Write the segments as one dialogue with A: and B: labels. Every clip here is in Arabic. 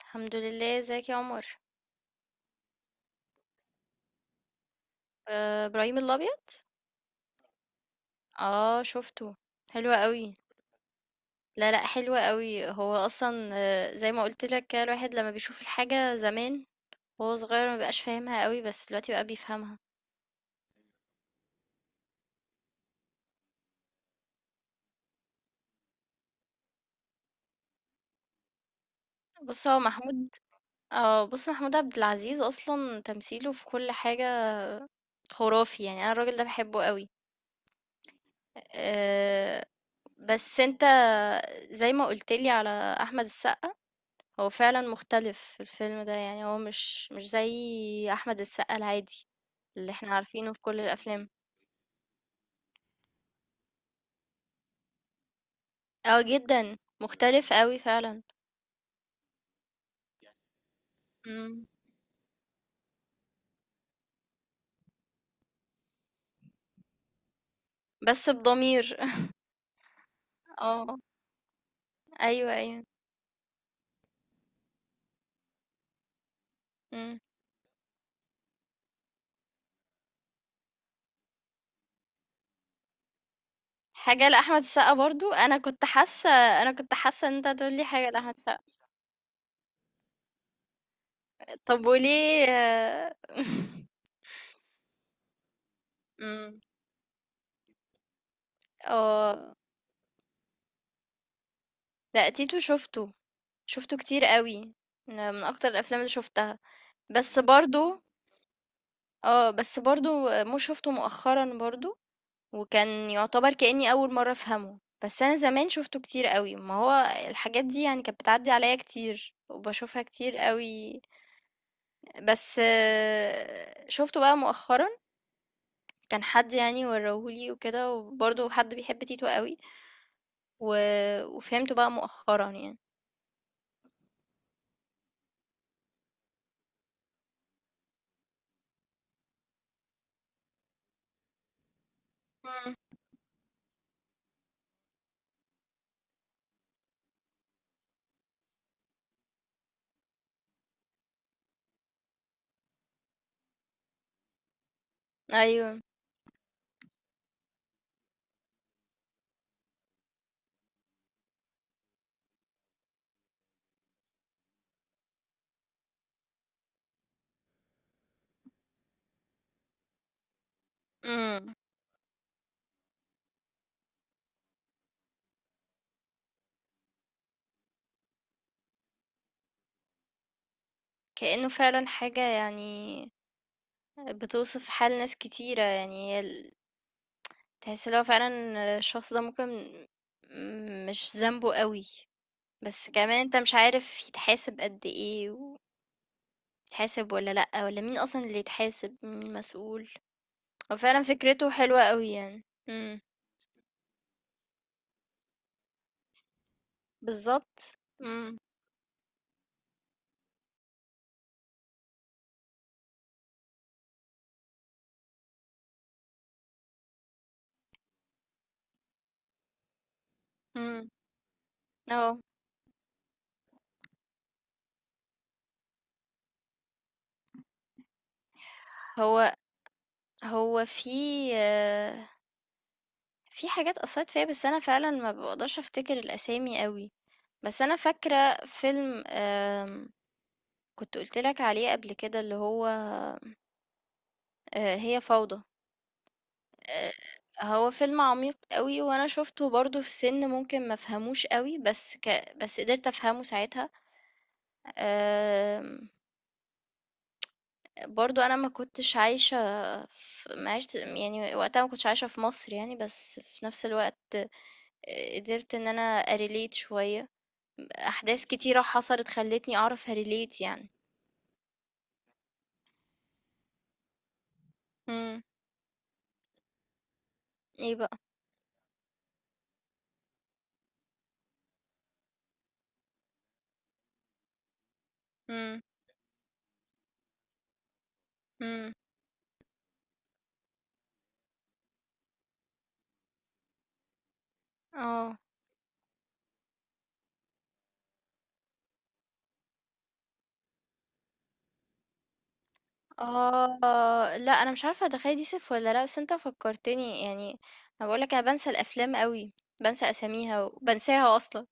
A: الحمد لله، ازيك يا عمر؟ آه، ابراهيم الابيض. اه، شفته. حلو قوي. لا، لا، حلو قوي. هو اصلا زي ما قلت لك كده، الواحد لما بيشوف الحاجه زمان وهو صغير ما بقاش فاهمها قوي، بس دلوقتي بقى بيفهمها. بص، هو محمود. اه بص، محمود عبد العزيز اصلا تمثيله في كل حاجه خرافي. يعني انا الراجل ده بحبه قوي. آه، بس انت زي ما قلت لي على احمد السقا، هو فعلًا مختلف الفيلم ده، يعني هو مش زي أحمد السقا العادي اللي إحنا عارفينه في كل الأفلام. آه، جدًا، مختلف أوي فعلًا. إمم. بس بضمير. آه، أيوه، أيوه. إمم. حاجة لأحمد السقا برضه، أنا كنت حاسة إن أنت هتقول لي حاجة لأحمد السقا. طب وليه؟ إمم. آه. لأ، تيتو شُفته، شُفته كتير أوي، من أكتر الأفلام اللي شُفتها. بس برضه بس برضه مو شُفته مؤخرًا برضه، وكان يُعتبر كإنّي أول مرّة أفهمه. بس أنا زمان شُفته كتير أوي، ما هو الحاجات دي يعني كانت بتعدّي عليَّ كتير، وباشوفها كتير أوي. بس شُفته بقى مؤخرًا، كان حد يعني ورّاه لي وكده، وبرضه حد بيحب تيتو أوي، و وفهمته بقى مؤخرًا يعني. إمم، أيوه، إمم. كإنه فعلًا حاجة يعني بتوصف حال ناس كتيرة. يعني هي ال تحس اللي هو فعلًا الشخص ده ممكن مش ذنبه أوي، بس كمان أنت مش عارف يتحاسب قد إيه، ويتحاسب والّا لأ، والّا مين أصلًا اللي يتحاسب، مين المسؤول. هو فعلًا فكرته حلوة أوي يعني. إمم، بالضبط، إمم، إمم، آه. هو هو آه، في حاجات أثّرت فيّا، بس أنا فعلًا ما باقدرش أفتكر الأسامي أوي. بس أنا فاكرة فيلم كنت قُلت لك عليه قبل كده اللي هو هي فوضى. آآ هو فيلم عميق أوي، وأنا شُفته برضه في سِن ممكن ما أفهموش أوي، بس قدرت أفهمه ساعتها. آمم برضه أنا ما كنتش عايشة، ما عِشت يعني وقتها ما كنتش عايشة في مصر يعني، بس في نفس الوقت قدرت إن أنا أrelate شوية، أحداث كتيرة حصلت خلّتني أعرف أrelate يعني. إمم، إيه بقى؟ إمم، إمم، آه. آه، لأ أنا مش عارفة ده خالد يوسف والّا لأ، بس أنت فكّرتني يعني. أنا باقول لك أنا بانسى الأفلام أوي، بانسى أساميها وبانساها أصلًا.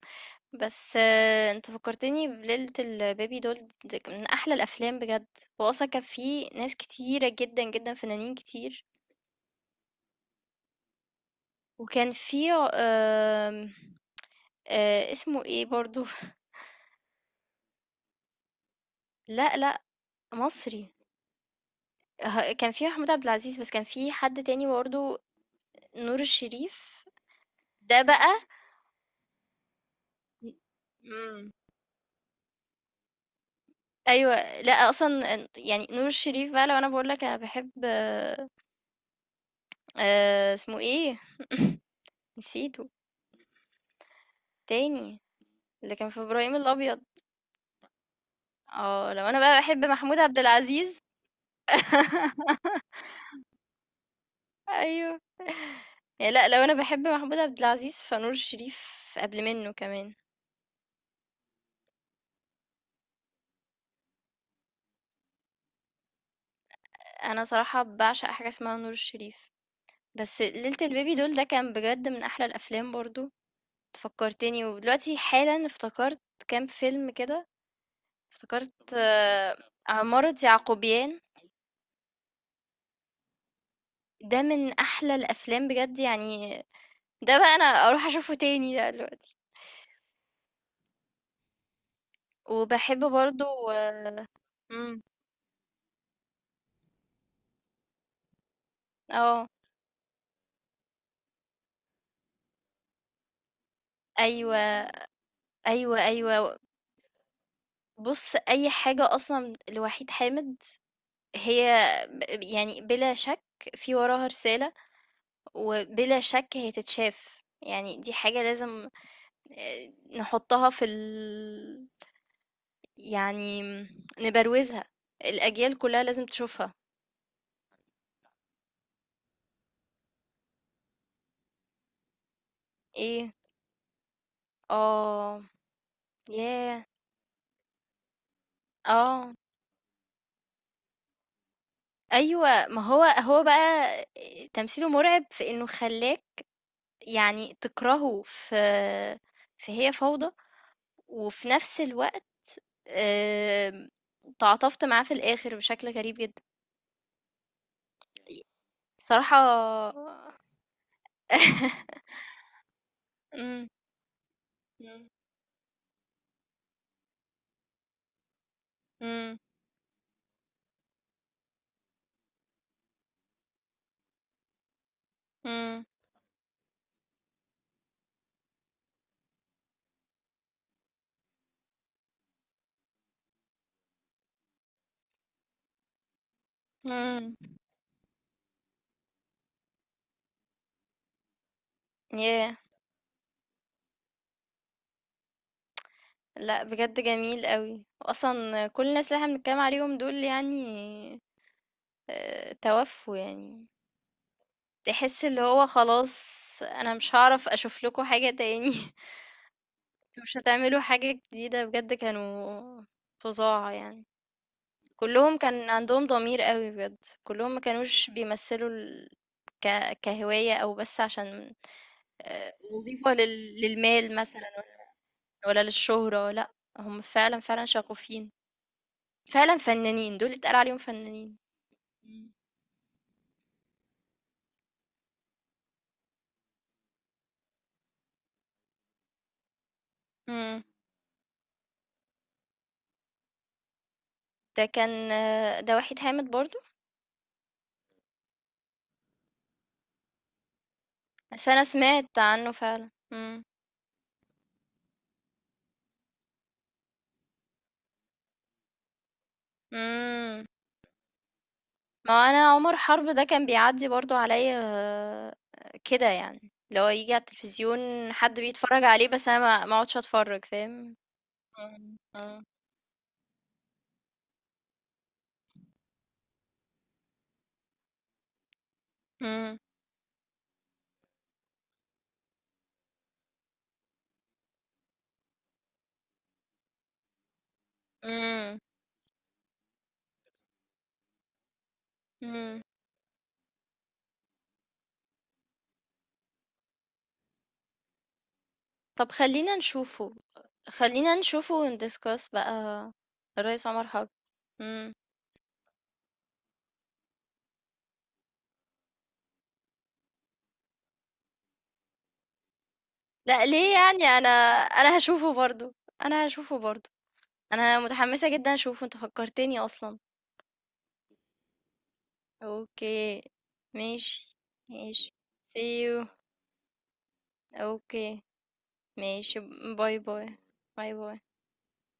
A: بس أنت فكّرتني بليلة الBaby doll دي من أحلى الأفلام بجد. هو أصلًا كان في ناس كتيرة جدًا، جدًا، فنانين كتير، وكان في ع آمم، اسمه إيه برضه؟ لأ، لأ، مصري. كان في محمود عبد العزيز، بس كان في حد تاني برضه. نور الشريف، ده بقى. إمم. أيوه، لأ أصلًا يعني نور الشريف بقى، لو أنا باقول لك أنا باحب اسمه إيه؟ نسيته. التاني، اللي كان في إبراهيم الأبيض. آه، لو أنا بقى باحب محمود عبد العزيز. أيوه، يعني لأ لو أنا باحب محمود عبد العزيز فنور الشريف قبل منّه كمان. أنا صراحة باعشق حاجة اسمها نور الشريف. بس ليلة البيبي دول ده كان بجد من أحلى الأفلام برضه، أنت فكّرتني ودلوقتي حالًا افتكرت كام فيلم كده، افتكرت عمارة يعقوبيان. ده من أحلى الأفلام بجد يعني، ده بقى أنا أروح أشوفه تاني ده دلوقتي، وباحب برضه. إمم، آه، أيوه، أيوه، أيوه. بُص، أي حاجة أصلًا لوحيد حامد هي يعني بلا شك في وراها رسالة، وبلا شك هي تتشاف، يعني دي حاجة لازم آآ، نحطها في ال يعني نبروزها، الأجيال كلها لازم تشوفها. إيه؟ آه، ياه! آه، أيوه. ما هو هو بقى تمثيله مرعب في إنه خلّاك يعني تكرهه في هي فوضى، وفي نفس الوقت آمم، تعاطفت معاه في الآخر بشكل غريب جدًا. بصراحة. إمم، إمم، إمم، إمم، إمم. ياه! لأ، بجد جميل أوي، وأصلًا كل الناس اللي إحنا بنتكلم عليهم دول يعني توفوا يعني. تحس اللي هو خلاص، أنا مش هاعرف أشوف لكم حاجة تاني. أنتم مش هتعملوا حاجة جديدة بجد، كانوا فظاع يعني. كلهم كان عندهم ضمير قوي بجد، كلهم ما كانوش بيمثلوا كهواية أو بس عشان وظيفة للمال مثلا، ولا للشهرة، لأ، هم فعلا فعلا شغوفين، فعلا فنانين، دول اتقال عليهم فنانين. مم. مم. ده كان آه، ده وحيد حامد برضو. بس أنا سمعت عنه فعلا. مم. إمم. ما هو أنا عمر حرب ده كان بيعدّي برضه عليّا، كده يعني، اللي هو ييجي على التلفزيون حد بيتفرّج عليه، بس أنا ما اقعدش أتفرّج. فاهم؟ إمم، إمم. إمم، إمم، إمم. طب، خلّينا نشوفه، خلّينا نشوفه ونdiscuss بقى الريس عمر حرب. إمم. لأ، ليه يعني؟ أنا هاشوفه برضه، أنا هاشوفه برضه. أنا متحمسة جدًا أشوفه، أنت فكّرتني أصلًا. أوكي، ماشي، ماشي. See you. أوكي، ماشي، باي باي، باي باي.